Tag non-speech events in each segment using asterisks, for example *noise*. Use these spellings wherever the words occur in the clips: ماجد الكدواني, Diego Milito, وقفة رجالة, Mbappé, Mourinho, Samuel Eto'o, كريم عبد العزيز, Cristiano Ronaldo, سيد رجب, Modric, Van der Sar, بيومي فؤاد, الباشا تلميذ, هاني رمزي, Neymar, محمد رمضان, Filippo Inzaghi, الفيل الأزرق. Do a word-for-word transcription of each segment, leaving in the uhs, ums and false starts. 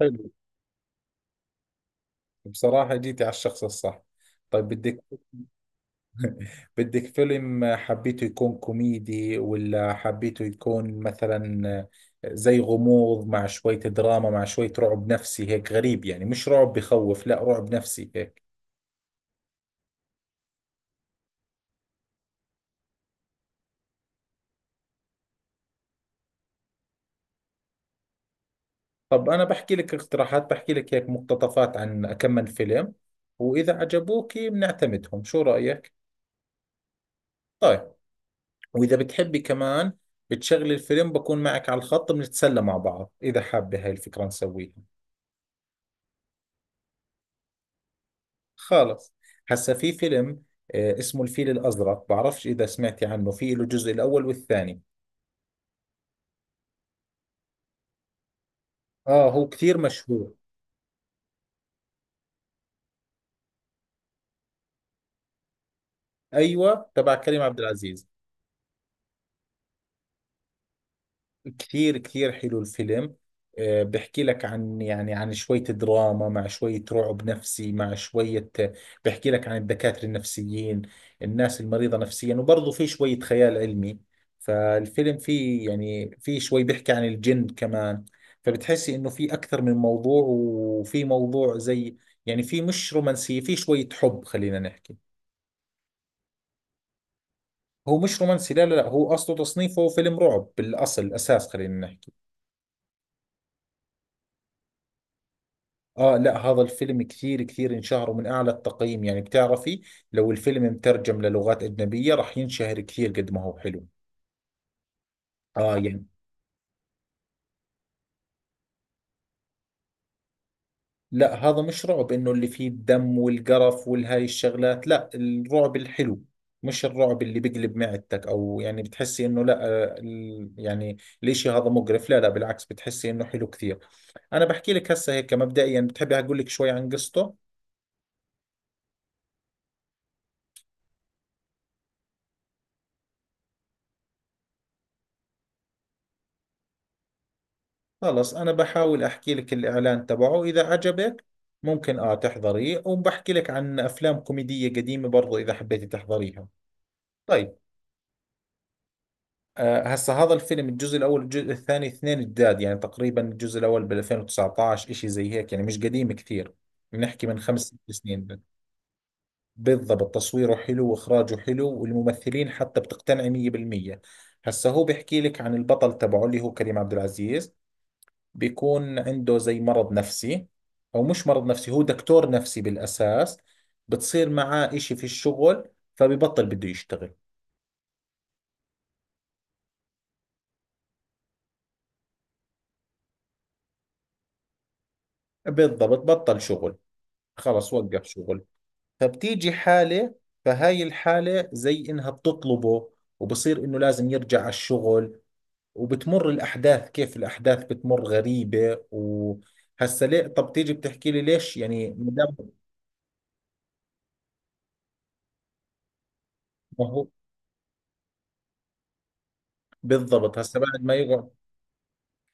حلو. بصراحة جيتي على الشخص الصح. طيب بدك *laughs* بدك فيلم حبيته يكون كوميدي ولا حبيته يكون مثلا زي غموض مع شوية دراما مع شوية رعب نفسي هيك غريب، يعني مش رعب بخوف، لا رعب نفسي هيك. طب أنا بحكي لك اقتراحات، بحكي لك هيك مقتطفات عن كم من فيلم، وإذا عجبوك بنعتمدهم، شو رأيك؟ طيب، وإذا بتحبي كمان بتشغلي الفيلم بكون معك على الخط بنتسلى مع بعض إذا حابة هاي الفكرة نسويها. خالص. هسا في فيلم آه، اسمه الفيل الأزرق، بعرفش إذا سمعتي عنه، في له الجزء الأول والثاني. آه هو كثير مشهور. أيوة تبع كريم عبد العزيز. كثير كثير حلو الفيلم. آه، بحكي لك عن يعني عن شوية دراما مع شوية رعب نفسي مع شوية، بحكي لك عن الدكاترة النفسيين، الناس المريضة نفسيا، وبرضه في شوية خيال علمي. فالفيلم فيه يعني فيه شوي بيحكي عن الجن كمان. فبتحسي انه في اكثر من موضوع، وفي موضوع زي يعني في مش رومانسية، في شوية حب خلينا نحكي. هو مش رومانسي، لا لا لا، هو اصله تصنيفه فيلم رعب بالاصل، اساس خلينا نحكي. آه لا، هذا الفيلم كثير كثير انشهر، ومن أعلى التقييم. يعني بتعرفي لو الفيلم مترجم للغات أجنبية راح ينشهر كثير قد ما هو حلو. آه يعني لا، هذا مش رعب إنه اللي فيه الدم والقرف والهاي الشغلات، لا الرعب الحلو، مش الرعب اللي بقلب معدتك أو يعني بتحسي إنه لا. آه، ال- يعني الإشي هذا مقرف، لا لا، بالعكس بتحسي إنه حلو كثير. أنا بحكي لك هسه هيك مبدئيا، بتحبي أقول لك شوي عن قصته؟ خلص، أنا بحاول أحكي لك الإعلان تبعه، إذا عجبك ممكن آه تحضريه، وبحكي لك عن أفلام كوميدية قديمة برضو إذا حبيتي تحضريها. طيب. آه هسا هذا الفيلم، الجزء الأول الجزء الثاني اثنين جداد، يعني تقريبا الجزء الأول بال ألفين وتسعة عشر إشي زي هيك، يعني مش قديم كثير، بنحكي من خمس ست سنين. بالضبط، تصويره حلو وإخراجه حلو والممثلين حتى بتقتنعي مية بالمية. هسا هو بيحكي لك عن البطل تبعه اللي هو كريم عبد العزيز، بيكون عنده زي مرض نفسي، او مش مرض نفسي، هو دكتور نفسي بالاساس. بتصير معاه اشي في الشغل فببطل بده يشتغل. بالضبط بطل شغل. خلص وقف شغل. فبتيجي حالة، فهاي الحالة زي انها بتطلبه، وبصير انه لازم يرجع على الشغل، وبتمر الاحداث كيف الاحداث بتمر غريبة، وهسا ليه طب تيجي بتحكي لي ليش يعني ما دام. ما هو بالضبط، هسا بعد ما يقعد،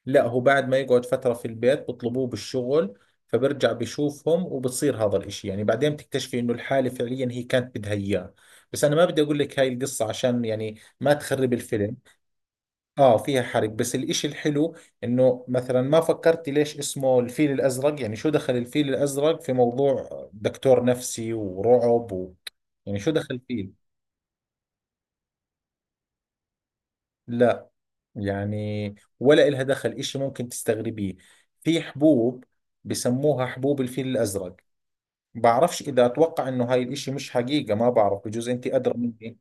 لا هو بعد ما يقعد فترة في البيت بطلبوه بالشغل، فبرجع بشوفهم وبتصير هذا الاشي. يعني بعدين بتكتشفي انه الحالة فعليا هي كانت بدها اياه. بس انا ما بدي اقول لك هاي القصة عشان يعني ما تخرب الفيلم. اه فيها حرق، بس الاشي الحلو انه مثلا ما فكرتي ليش اسمه الفيل الازرق، يعني شو دخل الفيل الازرق في موضوع دكتور نفسي ورعب و... يعني شو دخل فيه. لا، يعني ولا إلها دخل إشي ممكن تستغربيه. في حبوب بسموها حبوب الفيل الأزرق، بعرفش إذا أتوقع إنه هاي الإشي مش حقيقة، ما بعرف، بجوز أنت أدرى مني.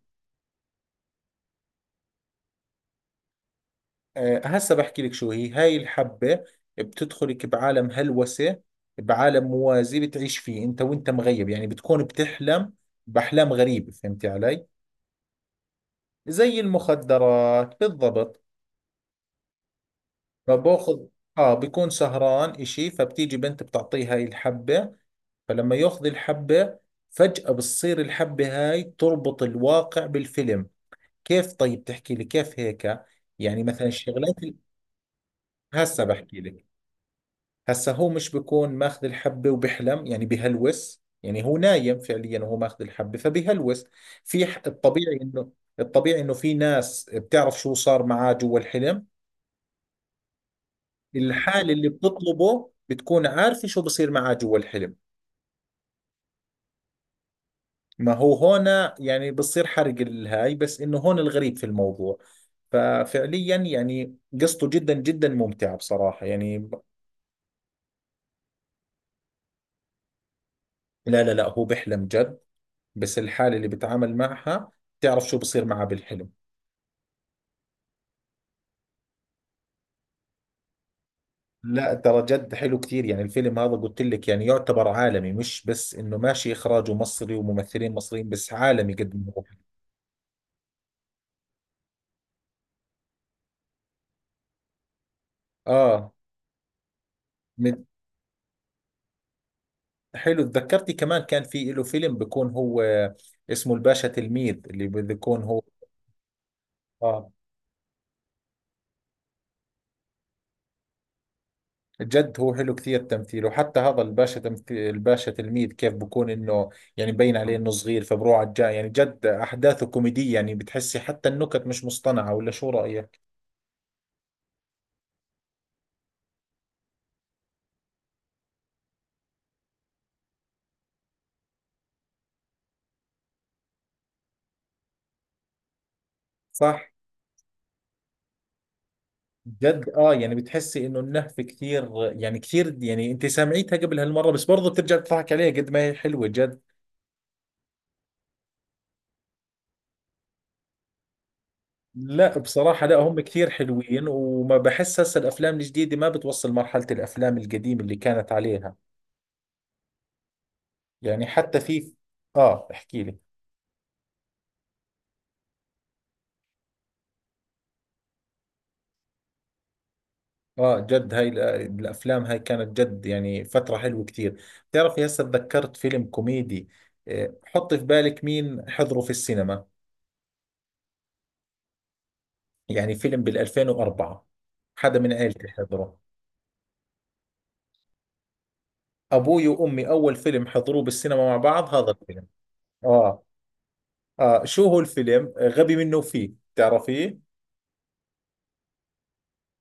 أه هسا بحكي لك شو هي هاي الحبة. بتدخلك بعالم هلوسة، بعالم موازي بتعيش فيه أنت، وأنت مغيب، يعني بتكون بتحلم بأحلام غريبة، فهمتي علي؟ زي المخدرات بالضبط. فباخذ اه بكون سهران إشي، فبتيجي بنت بتعطيه هاي الحبة، فلما يأخذ الحبة فجأة بتصير الحبة هاي تربط الواقع بالفيلم. كيف؟ طيب تحكي لي كيف هيك. يعني مثلا الشغلات ال- هسا بحكي لك. هسا هو مش بكون ماخذ الحبة وبحلم، يعني بهلوس، يعني هو نايم فعليا وهو ماخذ الحبة فبهلوس. في ح- الطبيعي انه الطبيعي انه في ناس بتعرف شو صار معاه جوا الحلم. الحالة اللي بتطلبه بتكون عارفة شو بصير معاه جوا الحلم. ما هو هون، يعني بصير حرق الهاي، بس انه هون الغريب في الموضوع، ففعليا يعني قصته جدا جدا ممتعة بصراحة، يعني ب- لا لا لا، هو بيحلم جد، بس الحالة اللي بتعامل معها بتعرف شو بصير معها بالحلم. لا ترى جد حلو كثير، يعني الفيلم هذا قلت لك يعني يعتبر عالمي، مش بس انه ماشي اخراجه مصري وممثلين مصريين، بس عالمي قد ما هو. اه. من حلو تذكرتي كمان، كان في له فيلم بيكون هو اسمه الباشا تلميذ اللي بيكون هو. اه جد هو حلو كثير تمثيله، وحتى هذا الباشا، تمثيل الباشا تلميذ كيف بكون انه يعني مبين عليه انه صغير فبروح على الجاي، يعني جد احداثه كوميدية، يعني بتحسي حتى النكت مش مصطنعة ولا شو رأيك؟ صح. جد اه يعني بتحسي انه النهفة كثير، يعني كثير، يعني انت سامعيتها قبل هالمرة بس برضه بترجع تضحك عليها قد ما هي حلوة جد. لا بصراحة لا، هم كثير حلوين، وما بحس هسه الافلام الجديدة ما بتوصل مرحلة الافلام القديمة اللي كانت عليها. يعني حتى في اه احكي لي. اه جد هاي ال- الافلام هاي كانت جد يعني فترة حلوة كتير. بتعرفي هسه تذكرت فيلم كوميدي آه، حطي في بالك مين حضره في السينما. يعني فيلم بال2004، حدا من عيلتي حضره. ابوي وامي اول فيلم حضروه بالسينما مع بعض هذا الفيلم. اه. اه شو هو الفيلم آه، غبي منه فيه، بتعرفيه؟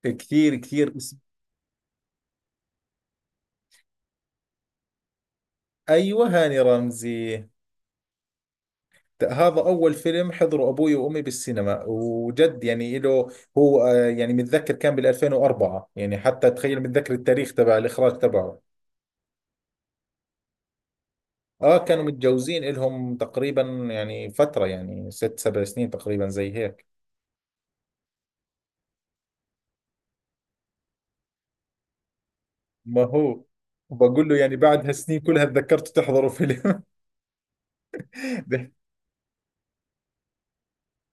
كثير كثير اسم. ايوه هاني رمزي. هذا أول فيلم حضره أبوي وأمي بالسينما، وجد يعني له هو آه، يعني متذكر كان بال ألفين وأربعة، يعني حتى تخيل متذكر التاريخ تبع الإخراج تبعه. آه كانوا متجوزين إلهم تقريبا، يعني فترة يعني ست سبع سنين تقريبا زي هيك. ما هو بقول له يعني بعد هالسنين كلها تذكرت تحضروا فيلم. *laughs*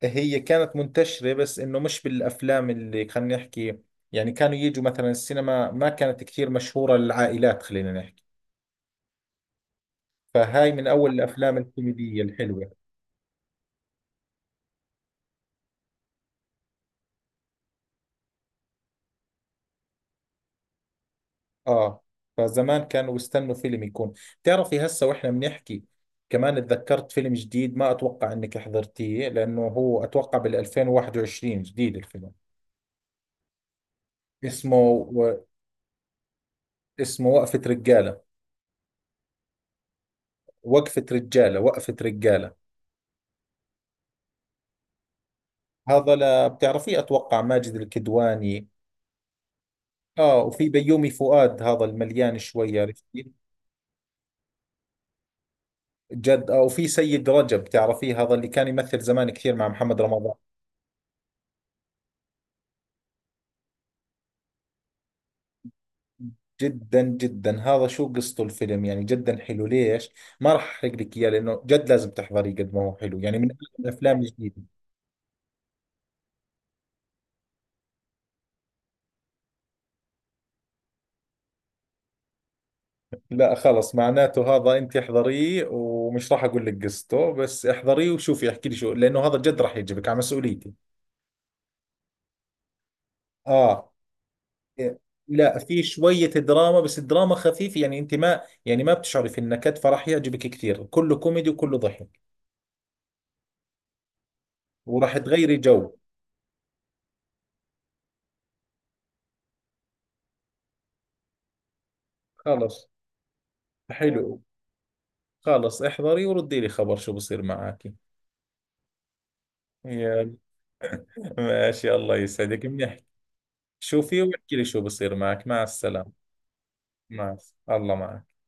هي كانت منتشرة بس إنه مش بالأفلام اللي خلينا نحكي، يعني كانوا يجوا مثلا السينما ما كانت كثير مشهورة للعائلات خلينا نحكي. فهاي من أول الأفلام الكوميدية الحلوة. آه فزمان كانوا بيستنوا فيلم يكون. بتعرفي هسه وإحنا بنحكي كمان اتذكرت فيلم جديد، ما أتوقع إنك حضرتيه لأنه هو أتوقع بال2021 جديد الفيلم. اسمه و... اسمه وقفة رجالة. وقفة رجالة، وقفة رجالة. هذا لا بتعرفيه أتوقع، ماجد الكدواني. آه وفي بيومي فؤاد هذا المليان شوي، عرفتي؟ جد آه وفي سيد رجب، تعرفيه؟ هذا اللي كان يمثل زمان كثير مع محمد رمضان. جدا جدا. هذا شو قصته الفيلم، يعني جدا حلو، ليش ما راح احرق لك اياه لانه جد لازم تحضريه قد ما هو حلو، يعني من أحلى الافلام الجديده. لا خلص، معناته هذا انت احضريه ومش راح اقول لك قصته، بس احضريه وشوفي احكي لي شو، لانه هذا جد راح يعجبك على مسؤوليتي. اه إيه، لا في شوية دراما، بس الدراما خفيفة، يعني انت ما يعني ما بتشعري في النكد، فراح يعجبك كثير، كله كوميدي وكله ضحك وراح تغيري جو. خلص حلو، خلص احضري وردي لي خبر شو بصير معك. يلا، ماشي الله يسعدك بنحكي. شوفي واحكي لي شو بصير معك، مع السلامة. مع الس- الله معك.